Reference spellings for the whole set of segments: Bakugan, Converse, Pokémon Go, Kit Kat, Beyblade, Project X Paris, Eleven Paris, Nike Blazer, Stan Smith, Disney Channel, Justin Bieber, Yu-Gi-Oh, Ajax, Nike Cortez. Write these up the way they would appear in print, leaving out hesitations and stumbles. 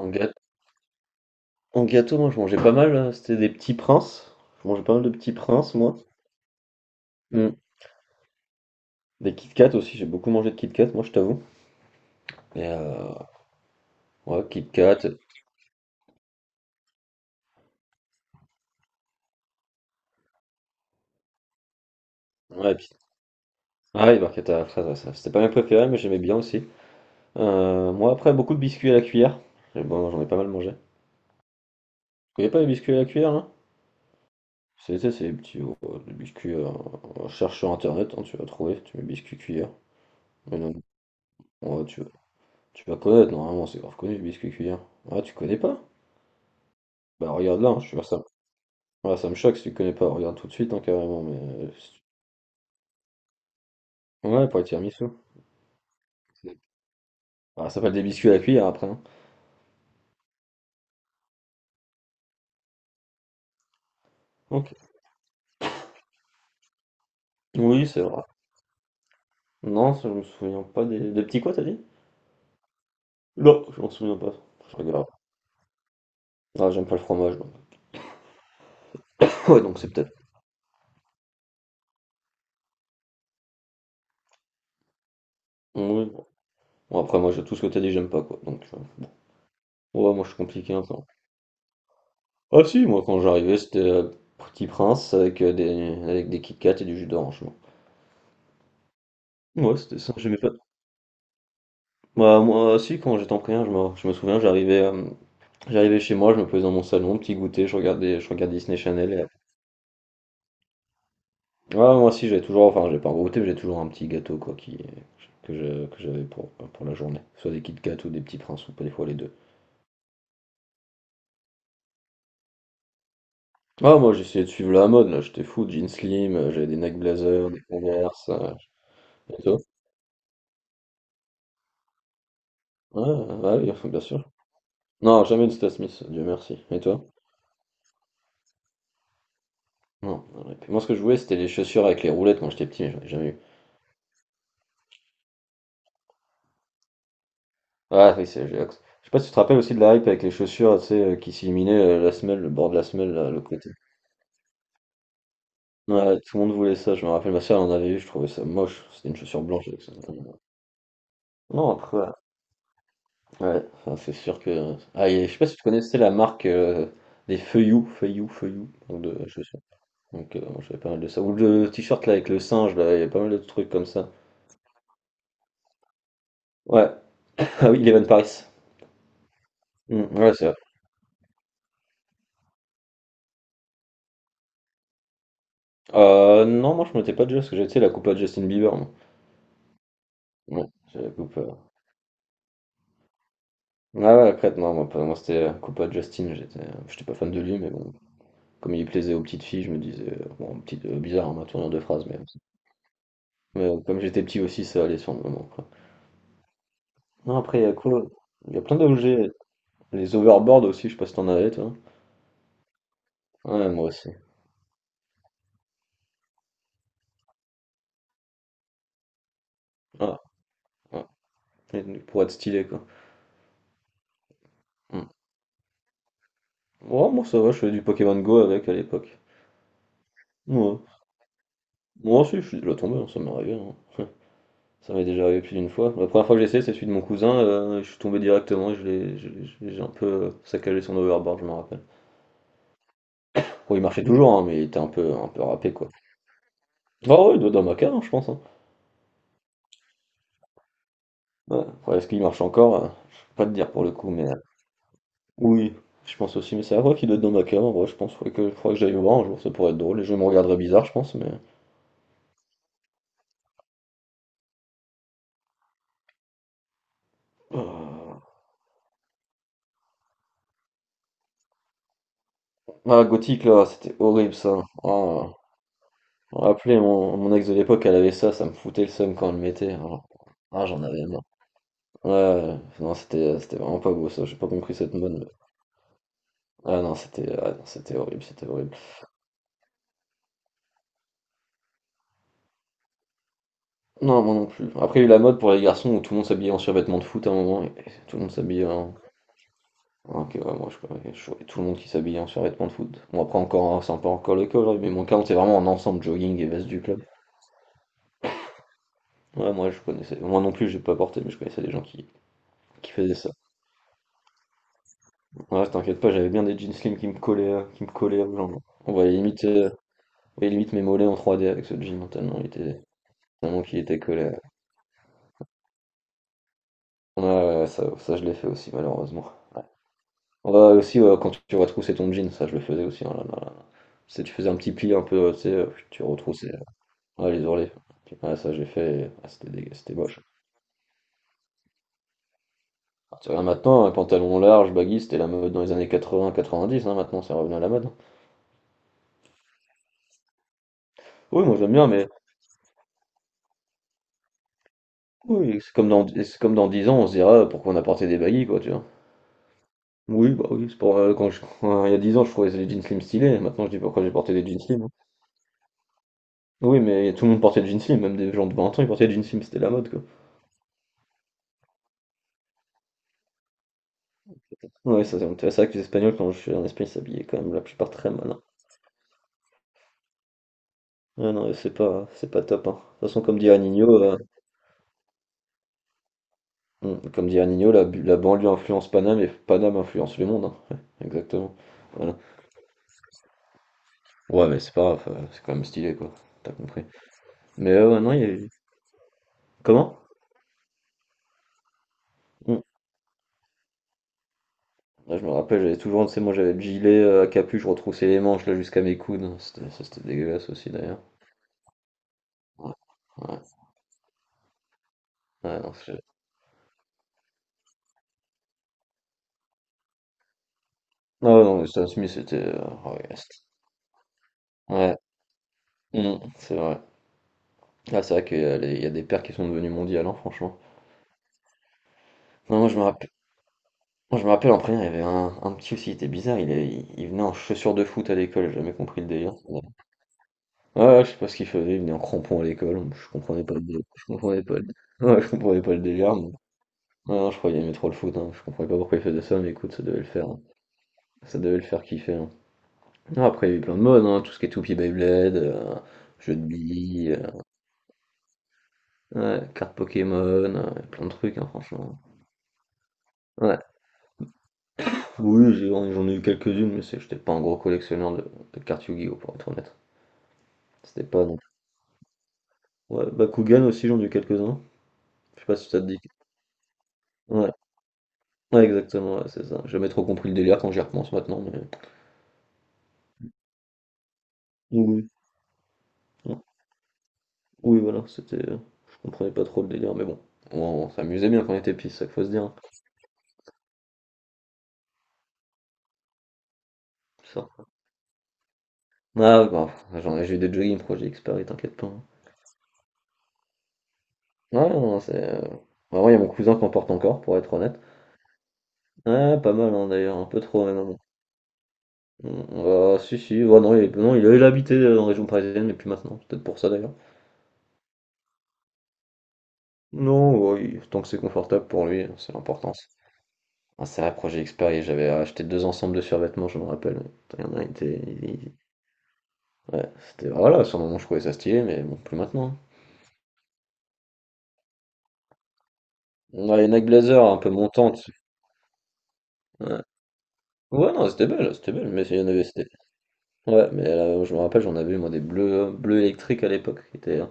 En gâteau, en gâteau, moi je mangeais pas mal, c'était des petits princes. Je mangeais pas mal de petits princes, moi. Mm. Des Kit Kat aussi, j'ai beaucoup mangé de Kit Kat, moi je t'avoue. Et ouais, Kit Kat. Ouais, ah, les barquettes à la fraise, ouais, ça, c'était pas mes préférés, mais j'aimais bien aussi. Moi après, beaucoup de biscuits à la cuillère. Et bon, j'en ai pas mal mangé. Vous connaissez pas les biscuits à la cuillère, là? C'est les biscuits, cherche sur internet, hein, tu vas trouver, tu mets biscuits cuillère. Mais non, ouais, tu vas connaître, normalement, c'est grave connu, le biscuit cuillère. Ah, tu connais pas? Bah regarde là, hein, je suis sûr. Ouais, ça me choque si tu connais pas, regarde tout de suite, hein, carrément, mais si tu- ouais, pour les tiramisu. C'est- Ah, ça s'appelle des biscuits à la cuillère après, hein. Ok. Oui, c'est vrai. Non, ça, je me souviens pas des petits, quoi, t'as dit? Non, je m'en souviens pas. Je regarde. Ah, j'aime pas le fromage, donc. Ouais, donc c'est peut-être. Oui. Bon, après, moi, tout ce que t'as dit, j'aime pas, quoi. Donc, ouais, moi, je suis compliqué un peu. Ah, si, moi, quand j'arrivais, c'était Petit Prince avec avec des Kit Kat et du jus d'orange, moi. Ouais, c'était ça, j'aimais pas. Bah, moi, si, quand j'étais en primaire, je me souviens, j'arrivais chez moi, je me posais dans mon salon, petit goûter, je regardais Disney Channel. Ah, moi aussi, j'avais toujours, enfin, j'ai pas un gros goûter, mais j'ai toujours un petit gâteau, quoi, que j'avais pour la journée. Soit des Kit Kat ou des petits princes, ou pas des fois les deux. Ah, moi, j'essayais de suivre la mode, là, j'étais fou, jeans slim, j'avais des Nike Blazer, des Converse, et toi? Ouais, ah oui, enfin, bien sûr. Non, jamais de Stan Smith, Dieu merci. Et toi? Non, non, et puis moi, ce que je voulais, c'était les chaussures avec les roulettes quand j'étais petit, mais j'en ai jamais eu. Ah oui, c'est Ajax. Je sais pas si tu te rappelles aussi de la hype avec les chaussures, tu sais, qui s'illuminaient, la semelle, le bord de la semelle, là, le côté. Ouais, tout le monde voulait ça, je me rappelle, ma soeur en avait eu, je trouvais ça moche, c'était une chaussure blanche avec ça. Non, après, ouais, enfin, c'est sûr que. Ah, et je sais pas si tu connaissais la marque des feuillous, donc, de chaussures. Donc, moi, j'avais pas mal de ça. Ou le t-shirt là avec le singe, là, il y a pas mal de trucs comme ça. Ouais, ah oui, Eleven Paris. Mm, ouais, c'est vrai. Non, moi je m'en étais pas déjà, parce que j'étais la coupe à Justin Bieber, moi. Ouais, j'ai la coupe. Ouais, ouais, après, non, moi, moi, c'était Coupa Justin, j'étais pas fan de lui, mais bon, comme il plaisait aux petites filles, je me disais, bon, bizarre, hein, ma tournure de phrase, mais, comme j'étais petit aussi, ça allait sur le moment, quoi. Non, après, il y a quoi? Il y a plein d'objets, les overboards aussi, je sais pas si t'en avais, toi. Ouais, moi aussi. Ah, ouais. Et pour être stylé, quoi. Hmm. Ouais, moi, ça va, je faisais du Pokémon Go avec à l'époque. Ouais. Moi aussi, je suis déjà tombé, hein, ça m'est arrivé, hein. Ça m'est déjà arrivé plus d'une fois. La première fois que j'ai essayé, c'est celui de mon cousin, je suis tombé directement et j'ai un peu saccagé son overboard, je me rappelle. Bon, il marchait toujours, hein, mais il était un peu râpé, quoi. Ah ouais, il doit être dans ma cave, hein, je pense, hein. Ouais. Après, est-ce qu'il marche encore? Je peux pas te dire pour le coup, mais oui, je pense aussi. Mais c'est à vrai qu'il doit être dans ma cave, en vrai, je pense. Faudrait que j'aille le voir un jour, ça pourrait être drôle. Les gens me regarderaient bizarre, je pense, mais. Ah, Ah, Gothic, là, c'était horrible, ça. Ah, rappelez, mon ex de l'époque, elle avait ça, ça me foutait le seum quand elle le mettait. Ah, j'en avais. Ouais, ouais. Non, c'était vraiment pas beau, ça, j'ai pas compris cette mode, Ah non, c'était horrible, c'était horrible. Non, moi non plus. Après, il y a eu la mode pour les garçons où tout le monde s'habillait en survêtement de foot à un moment, et tout le monde s'habillait en. Ah, ok, ouais, moi je voyais tout le monde qui s'habillait en survêtement de foot. Bon, après, encore, c'est un peu encore le cas aujourd'hui, mais mon cas, c'est vraiment en ensemble jogging et veste du club. Ouais, moi je connaissais. Moi non plus, j'ai pas porté, mais je connaissais des gens qui faisaient ça. Ouais, t'inquiète pas, j'avais bien des jeans slim qui me collaient aux jambes. On voyait limite, euh, on voyait limite mes mollets en 3D avec ce jean, tellement il était. Tellement qu'il était collé. Ouais, ouais, ouais, ça, je l'ai fait aussi, malheureusement. Ouais. Ouais, aussi, ouais, quand tu retroussais ton jean, ça, je le faisais aussi, hein, là, là, là. Tu faisais un petit pli un peu, tu sais, tu retroussais. Ouais, les ourlets. Ouais, ça, j'ai fait. Ah, c'était dégueu, c'était moche. Ah, tu regardes maintenant, un pantalon large, baggy, c'était la mode dans les années 80-90, hein, maintenant, c'est revenu à la mode, hein. Oui, moi, j'aime bien, mais oui, c'est comme dans 10 ans, on se dira, ah, pourquoi on a porté des baggy, quoi, tu vois. Oui, bah oui, c'est pour. Quand je- Il y a 10 ans, je trouvais les jeans slim stylés, maintenant, je dis pourquoi j'ai porté des jeans slim. Oui, mais tout le monde portait des jeans slim, même des gens de 20 ans, ils portaient des jeans slim, c'était la mode, quoi. Ouais, ça c'est vrai que les Espagnols, quand je suis en Espagne, ils s'habillaient quand même la plupart très mal, hein. Ouais, non, c'est pas top, hein. De toute façon, comme dit Anino, la, la banlieue influence Paname et Paname influence le monde, hein. Ouais, exactement. Voilà. Ouais, mais c'est pas grave, c'est quand même stylé, quoi. T'as compris. Ouais, non, il y a eu- comment? Mm. Là, je me rappelle, j'avais toujours, tu sais, moi j'avais le gilet à capuche, je retroussais les manches là jusqu'à mes coudes, hein. Ça, c'était dégueulasse aussi, d'ailleurs. Ouais, ouais, ouais, non, Ah ouais, non, mais Stan Smith, c'était. Ah ouais, ouais, mm, c'est vrai. Ah, c'est vrai qu'il y a il y a des pères qui sont devenus mondiales, hein, franchement. Non, moi, je me rappelle en première, il y avait un petit aussi, il était bizarre, il venait en chaussures de foot à l'école, j'ai jamais compris le délire. Ouais, ouais, ouais, je sais pas ce qu'il faisait, il venait en crampons à l'école, je comprenais pas le délire. Je comprenais pas le, Ouais, je comprenais pas le délire, Ouais, non, je croyais qu'il aimait trop le foot, hein, je comprenais pas pourquoi il faisait ça, mais écoute, ça devait le faire, hein. Ça devait le faire kiffer, hein. Non, après, il y a eu plein de modes, hein, tout ce qui est Toupie Beyblade, jeu de billes. Ouais, cartes Pokémon, plein de trucs, hein, franchement. Ouais. Oui, j'en ai eu quelques-unes, mais j'étais pas un gros collectionneur de cartes Yu-Gi-Oh, pour être honnête. C'était pas non plus. Ouais, Bakugan aussi, j'en ai eu quelques-uns. Je sais pas si ça te dit. Ouais, ouais, exactement, ouais, c'est ça. J'ai jamais trop compris le délire quand j'y repense maintenant, mais. Oui. Oui, Oui, voilà, c'était. Je comprenais pas trop le délire, mais bon. On s'amusait bien quand on était petits, c'est ça qu'il faut se dire. Ça. Ah, ouais, bah, j'ai eu des jogging Project X Paris, t'inquiète pas, hein. Ouais, non, c'est. Vraiment, il y a mon cousin qui en porte encore, pour être honnête. Ah, pas mal, hein, d'ailleurs, un peu trop même, hein. Mm, ah, si, si, ouais, non, il, non, il habitait en région parisienne, mais plus maintenant, c'est peut-être pour ça d'ailleurs. Non, ouais, tant que c'est confortable pour lui, c'est l'important, ça. Un sérieux projet Xperia, j'avais acheté deux ensembles de survêtements, je me rappelle. Il y en a, il était. Ouais, c'était. Voilà, sur le moment, je trouvais ça stylé, mais bon, plus maintenant, hein. Ouais, une Nike Blazer, un peu montante. Ouais, ouais, non, c'était belle, mais il y en avait, c'était. Ouais, mais là, je me rappelle, j'en avais, moi, des bleus, bleus électriques à l'époque, qui étaient, hein.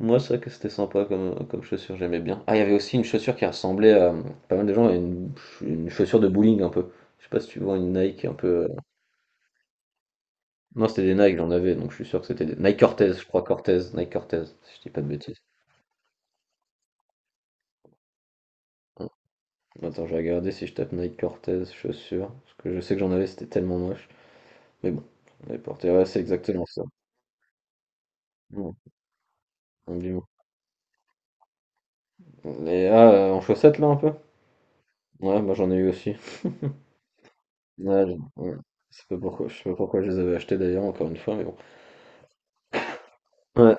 Moi, c'est vrai que c'était sympa comme chaussure, j'aimais bien. Ah, il y avait aussi une chaussure qui ressemblait à pas mal de gens à une chaussure de bowling un peu. Je sais pas si tu vois une Nike un peu, non, c'était des Nike, j'en avais, donc je suis sûr que c'était des Nike Cortez, je crois Cortez, Nike Cortez, si je dis pas de bêtises. Hein. Attends, je vais regarder si je tape Nike Cortez chaussures, parce que je sais que j'en avais, c'était tellement moche. Mais bon, on les portait, ouais, c'est exactement ça. Ouais, absolument. Et ah, en chaussettes là un peu? Ouais, moi j'en ai eu aussi. Ouais, ouais. Je sais pas pourquoi, je sais pas pourquoi je les avais achetées d'ailleurs, encore une fois, mais bon. Ouais.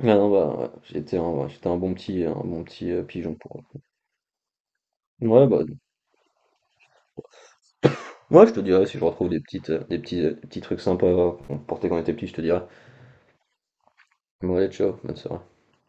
Ah non, bah, ouais, ouais, j'étais un bon petit pigeon pour. Ouais, bah, moi je te dirais si je retrouve des petites, des petits trucs sympas, qu'on portait quand on était petit, je te dirais. Bon, allez, ciao, bonne soirée.